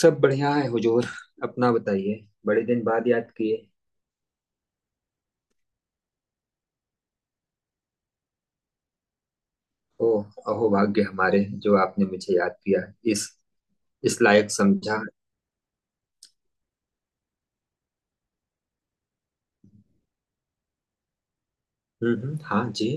सब बढ़िया है हुजूर। अपना बताइए। बड़े दिन बाद याद किए। ओ, अहो भाग्य हमारे जो आपने मुझे याद किया। इस इस लायक समझा। हाँ जी।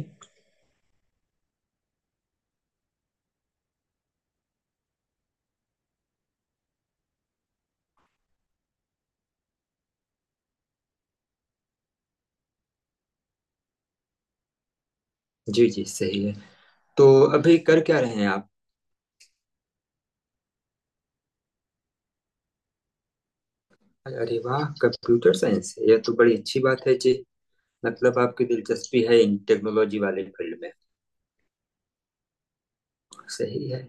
जी जी, सही है। तो अभी कर क्या रहे हैं आप? अरे वाह, कंप्यूटर साइंस! यह तो बड़ी अच्छी बात है जी। मतलब आपकी दिलचस्पी है इन टेक्नोलॉजी वाले फील्ड में। सही है।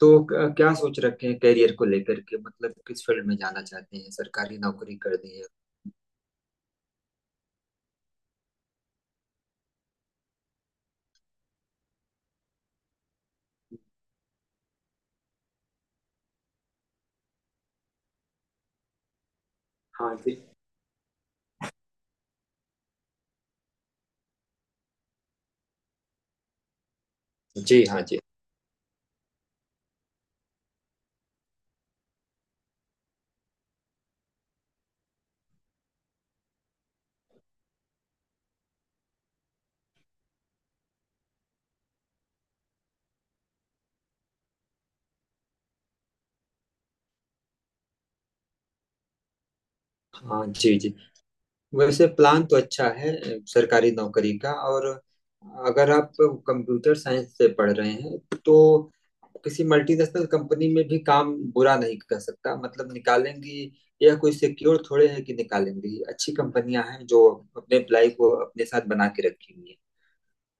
तो क्या सोच रखे हैं करियर को लेकर के? मतलब किस फील्ड में जाना चाहते हैं? सरकारी नौकरी करनी है? हाँ जी। जी हाँ जी। हाँ जी जी। वैसे प्लान तो अच्छा है, सरकारी नौकरी का। और अगर आप कंप्यूटर साइंस से पढ़ रहे हैं तो किसी मल्टीनेशनल कंपनी में भी काम बुरा नहीं कर सकता, मतलब निकालेंगी। यह कोई सिक्योर थोड़े है कि निकालेंगी, अच्छी कंपनियां हैं जो अपने एम्प्लाई को अपने साथ बना के रखी हुई हैं।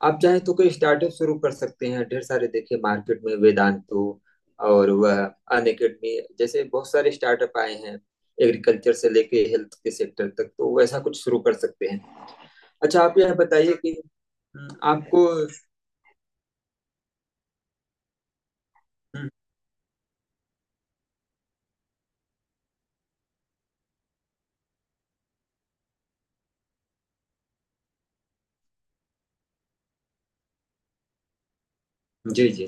आप चाहें तो कोई स्टार्टअप शुरू कर सकते हैं। ढेर सारे देखिए मार्केट में, वेदांतो और वह अन अकेडमी जैसे बहुत सारे स्टार्टअप आए हैं। एग्रीकल्चर से लेके हेल्थ के सेक्टर तक, तो वैसा कुछ शुरू कर सकते हैं। अच्छा आप यह बताइए कि आपको हम्म, जी जी।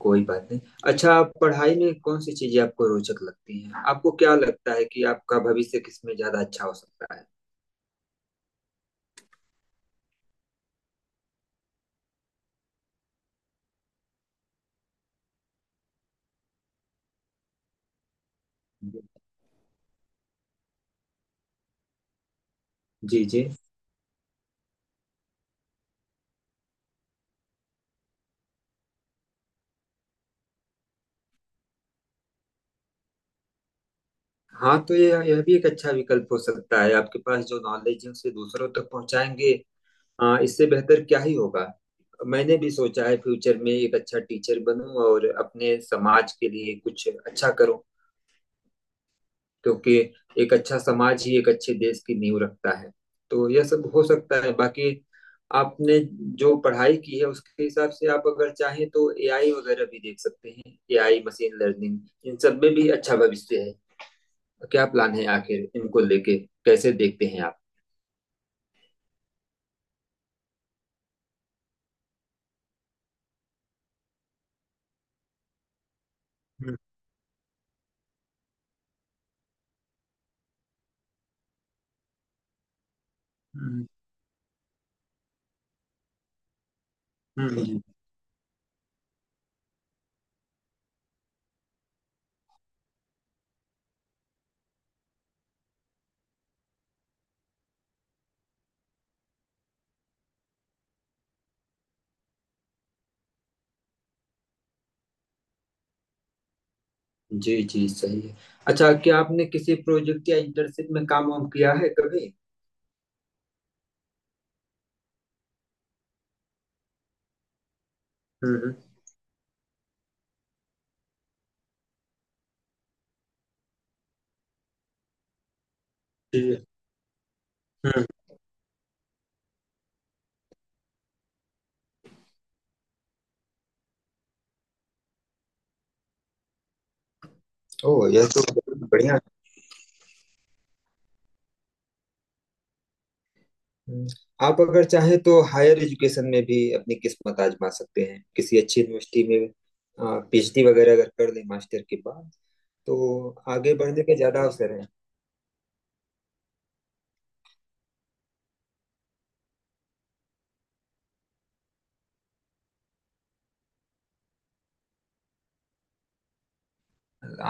कोई बात नहीं। अच्छा आप पढ़ाई में कौन सी चीजें आपको रोचक लगती हैं? आपको क्या लगता है कि आपका भविष्य किसमें ज्यादा अच्छा हो सकता है? जी जी। हाँ तो ये यह भी एक अच्छा विकल्प हो सकता है। आपके पास जो नॉलेज है उसे दूसरों तक पहुंचाएंगे। हाँ, इससे बेहतर क्या ही होगा। मैंने भी सोचा है फ्यूचर में एक अच्छा टीचर बनूं और अपने समाज के लिए कुछ अच्छा करूं। क्योंकि एक अच्छा समाज ही एक अच्छे देश की नींव रखता है। तो यह सब हो सकता है, बाकी आपने जो पढ़ाई की है उसके हिसाब से आप अगर चाहें तो एआई वगैरह भी देख सकते हैं, एआई मशीन लर्निंग। इन सब में भी अच्छा भविष्य है। क्या प्लान है आखिर इनको लेके? कैसे देखते हैं आप? हम्म, हम्म, हम्म। जी जी, जी सही है। अच्छा क्या आपने किसी प्रोजेक्ट या इंटर्नशिप में काम वाम किया है कभी? हम्म। जी। हम्म। ओ, यह तो बहुत बढ़िया। हम्म, आप अगर चाहें तो हायर एजुकेशन में भी अपनी किस्मत आजमा सकते हैं, किसी अच्छी यूनिवर्सिटी में। पीएचडी वगैरह अगर कर लें मास्टर के बाद तो आगे बढ़ने के ज्यादा अवसर हैं।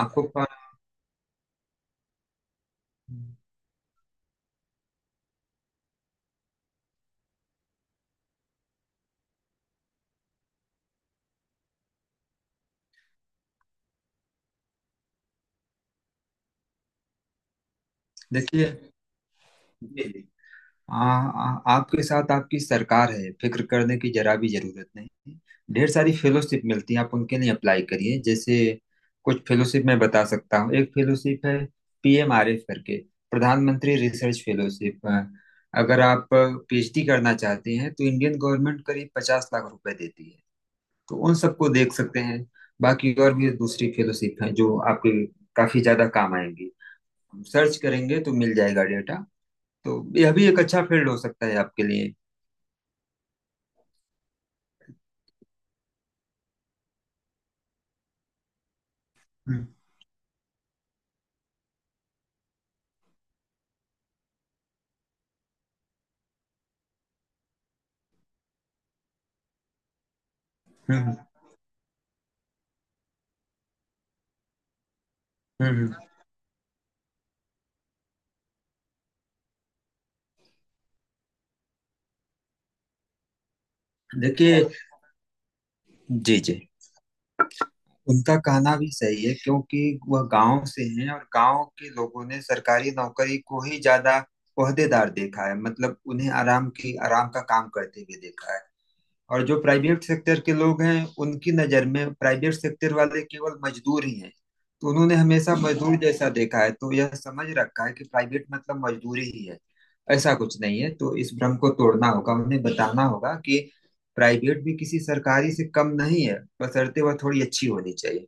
आपको पा- है। देखिए, जी जी। आ, आ, आपके साथ आपकी सरकार है, फिक्र करने की जरा भी जरूरत नहीं है। ढेर सारी फेलोशिप मिलती है, आप उनके लिए अप्लाई करिए। जैसे कुछ फेलोशिप मैं बता सकता हूँ, एक फेलोशिप है पीएमआरएफ करके, प्रधानमंत्री रिसर्च फेलोशिप। अगर आप पीएचडी करना चाहते हैं तो इंडियन गवर्नमेंट करीब 50 लाख रुपए देती है। तो उन सबको देख सकते हैं। बाकी और भी दूसरी फेलोशिप हैं जो आपके काफी ज्यादा काम आएंगी। सर्च करेंगे तो मिल जाएगा। तो यह भी एक अच्छा फील्ड हो सकता है आपके लिए। हम्म हम्म हम्म। देखिए, जी जी। उनका कहना भी सही है, क्योंकि वह गांव से हैं और गांव के लोगों ने सरकारी नौकरी को ही ज्यादा ओहदेदार देखा है। मतलब उन्हें आराम की आराम का काम करते हुए देखा है। और जो प्राइवेट सेक्टर के लोग हैं, उनकी नज़र में प्राइवेट सेक्टर वाले केवल मजदूर ही हैं। तो उन्होंने हमेशा मजदूर जैसा देखा है, तो यह समझ रखा है कि प्राइवेट मतलब मजदूरी ही है। ऐसा कुछ नहीं है, तो इस भ्रम को तोड़ना होगा, उन्हें बताना होगा कि प्राइवेट भी किसी सरकारी से कम नहीं है, बशर्ते वह थोड़ी अच्छी होनी चाहिए।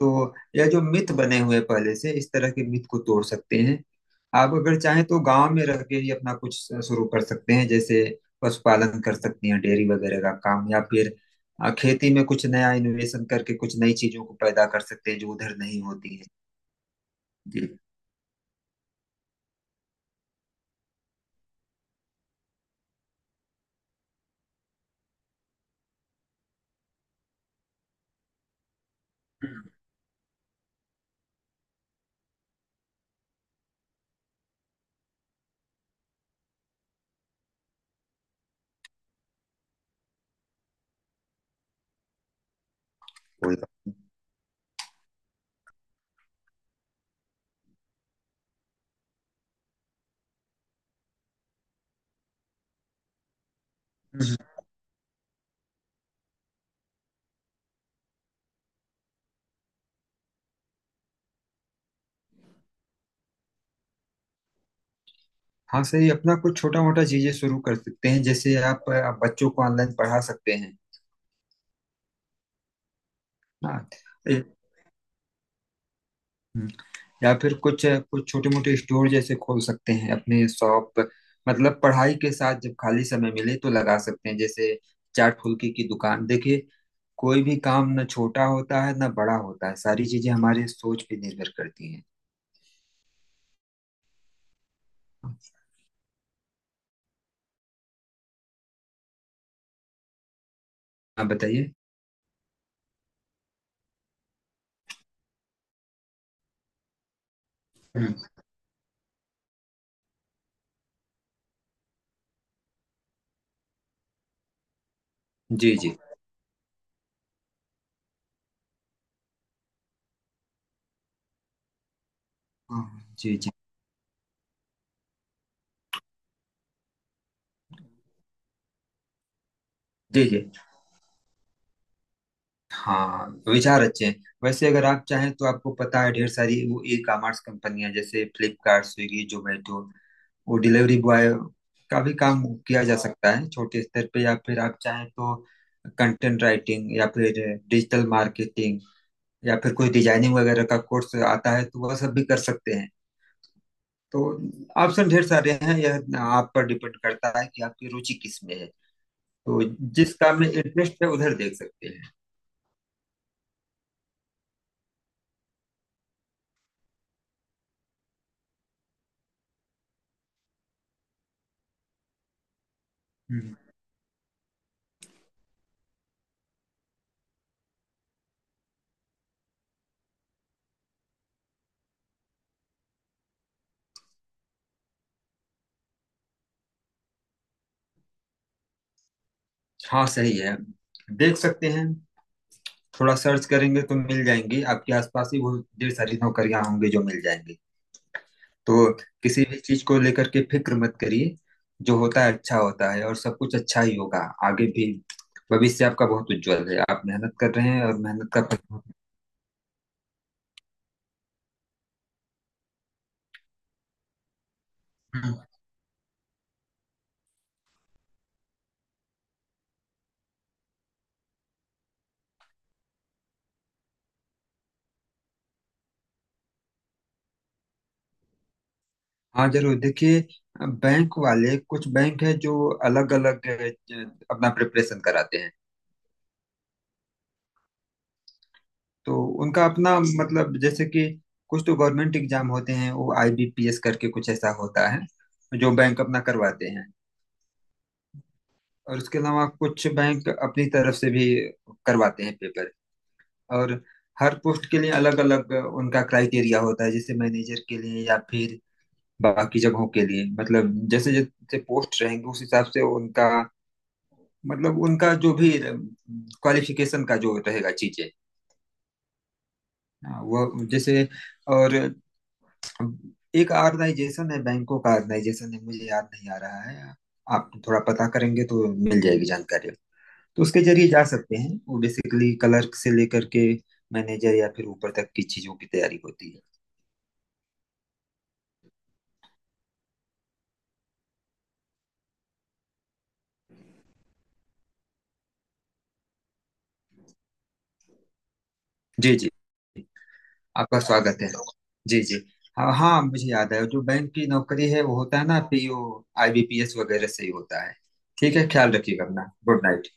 तो यह जो मिथ बने हुए हैं पहले से, इस तरह के मिथ को तोड़ सकते हैं। आप अगर चाहें तो गांव में रह के ही अपना कुछ शुरू कर सकते हैं, जैसे पशुपालन कर सकती हैं, डेयरी वगैरह का काम, या फिर खेती में कुछ नया इनोवेशन करके कुछ नई चीजों को पैदा कर सकते हैं जो उधर नहीं होती है। जी। हम्म, कोई बात। हम्म, हाँ सही। अपना कुछ छोटा मोटा चीजें शुरू कर सकते हैं, जैसे आप बच्चों को ऑनलाइन पढ़ा सकते हैं। हाँ। हम्म। ए- या फिर कुछ कुछ छोटे मोटे स्टोर जैसे खोल सकते हैं, अपने शॉप। मतलब पढ़ाई के साथ जब खाली समय मिले तो लगा सकते हैं, जैसे चाट फुल्की की दुकान। देखिए, कोई भी काम ना छोटा होता है ना बड़ा होता है, सारी चीजें हमारे सोच पे निर्भर करती हैं। आप बताइए। हम्म। जी जी। हाँ, जी जी। जी जी। हाँ, विचार अच्छे हैं। वैसे अगर आप चाहें तो आपको पता है, ढेर सारी वो ई कॉमर्स कंपनियां जैसे फ्लिपकार्ट, स्विगी, जोमेटो, वो डिलीवरी बॉय का भी काम किया जा सकता है छोटे स्तर पे। या फिर आप चाहें तो कंटेंट राइटिंग या फिर डिजिटल मार्केटिंग या फिर कोई डिजाइनिंग वगैरह का कोर्स आता है तो वह सब भी कर सकते हैं। तो ऑप्शन ढेर सारे हैं, यह आप पर डिपेंड करता है कि आपकी रुचि किस में है। तो जिस काम में इंटरेस्ट है उधर देख सकते हैं। हम्म। हाँ सही है, देख सकते हैं। थोड़ा सर्च करेंगे तो मिल जाएंगी, आपके आसपास ही वो ढेर सारी नौकरियां होंगी जो मिल जाएंगी। तो किसी भी चीज को लेकर के फिक्र मत करिए। जो होता है अच्छा होता है, और सब कुछ अच्छा ही होगा आगे भी। भविष्य आपका बहुत उज्जवल है। आप मेहनत कर रहे हैं, और मेहनत का फल। हम्म, हाँ जरूर देखिए। बैंक वाले, कुछ बैंक है जो अलग अलग अपना प्रिपरेशन कराते हैं। तो उनका अपना मतलब, जैसे कि कुछ तो गवर्नमेंट एग्जाम होते हैं, वो आईबीपीएस करके कुछ ऐसा होता है जो बैंक अपना करवाते हैं। और उसके अलावा कुछ बैंक अपनी तरफ से भी करवाते हैं पेपर। और हर पोस्ट के लिए अलग अलग उनका क्राइटेरिया होता है, जैसे मैनेजर के लिए या फिर बाकी जगहों के लिए, मतलब जैसे जैसे पोस्ट रहेंगे उस हिसाब से उनका, मतलब उनका जो भी क्वालिफिकेशन का जो रहेगा चीजें। हाँ, वो जैसे। और हम- एक ऑर्गेनाइजेशन है, बैंकों का ऑर्गेनाइजेशन है, मुझे याद नहीं आ रहा है। आप थोड़ा पता करेंगे तो मिल जाएगी जानकारी। तो उसके जरिए जा सकते हैं, वो बेसिकली क्लर्क से लेकर के मैनेजर या फिर ऊपर तक की चीजों की तैयारी होती है। जी जी। आपका स्वागत है। जी जी। हाँ हाँ, मुझे याद है, जो बैंक की नौकरी है वो होता है ना, पीओ आईबीपीएस वगैरह से ही होता है। ठीक है, ख्याल रखिएगा अपना। Good night.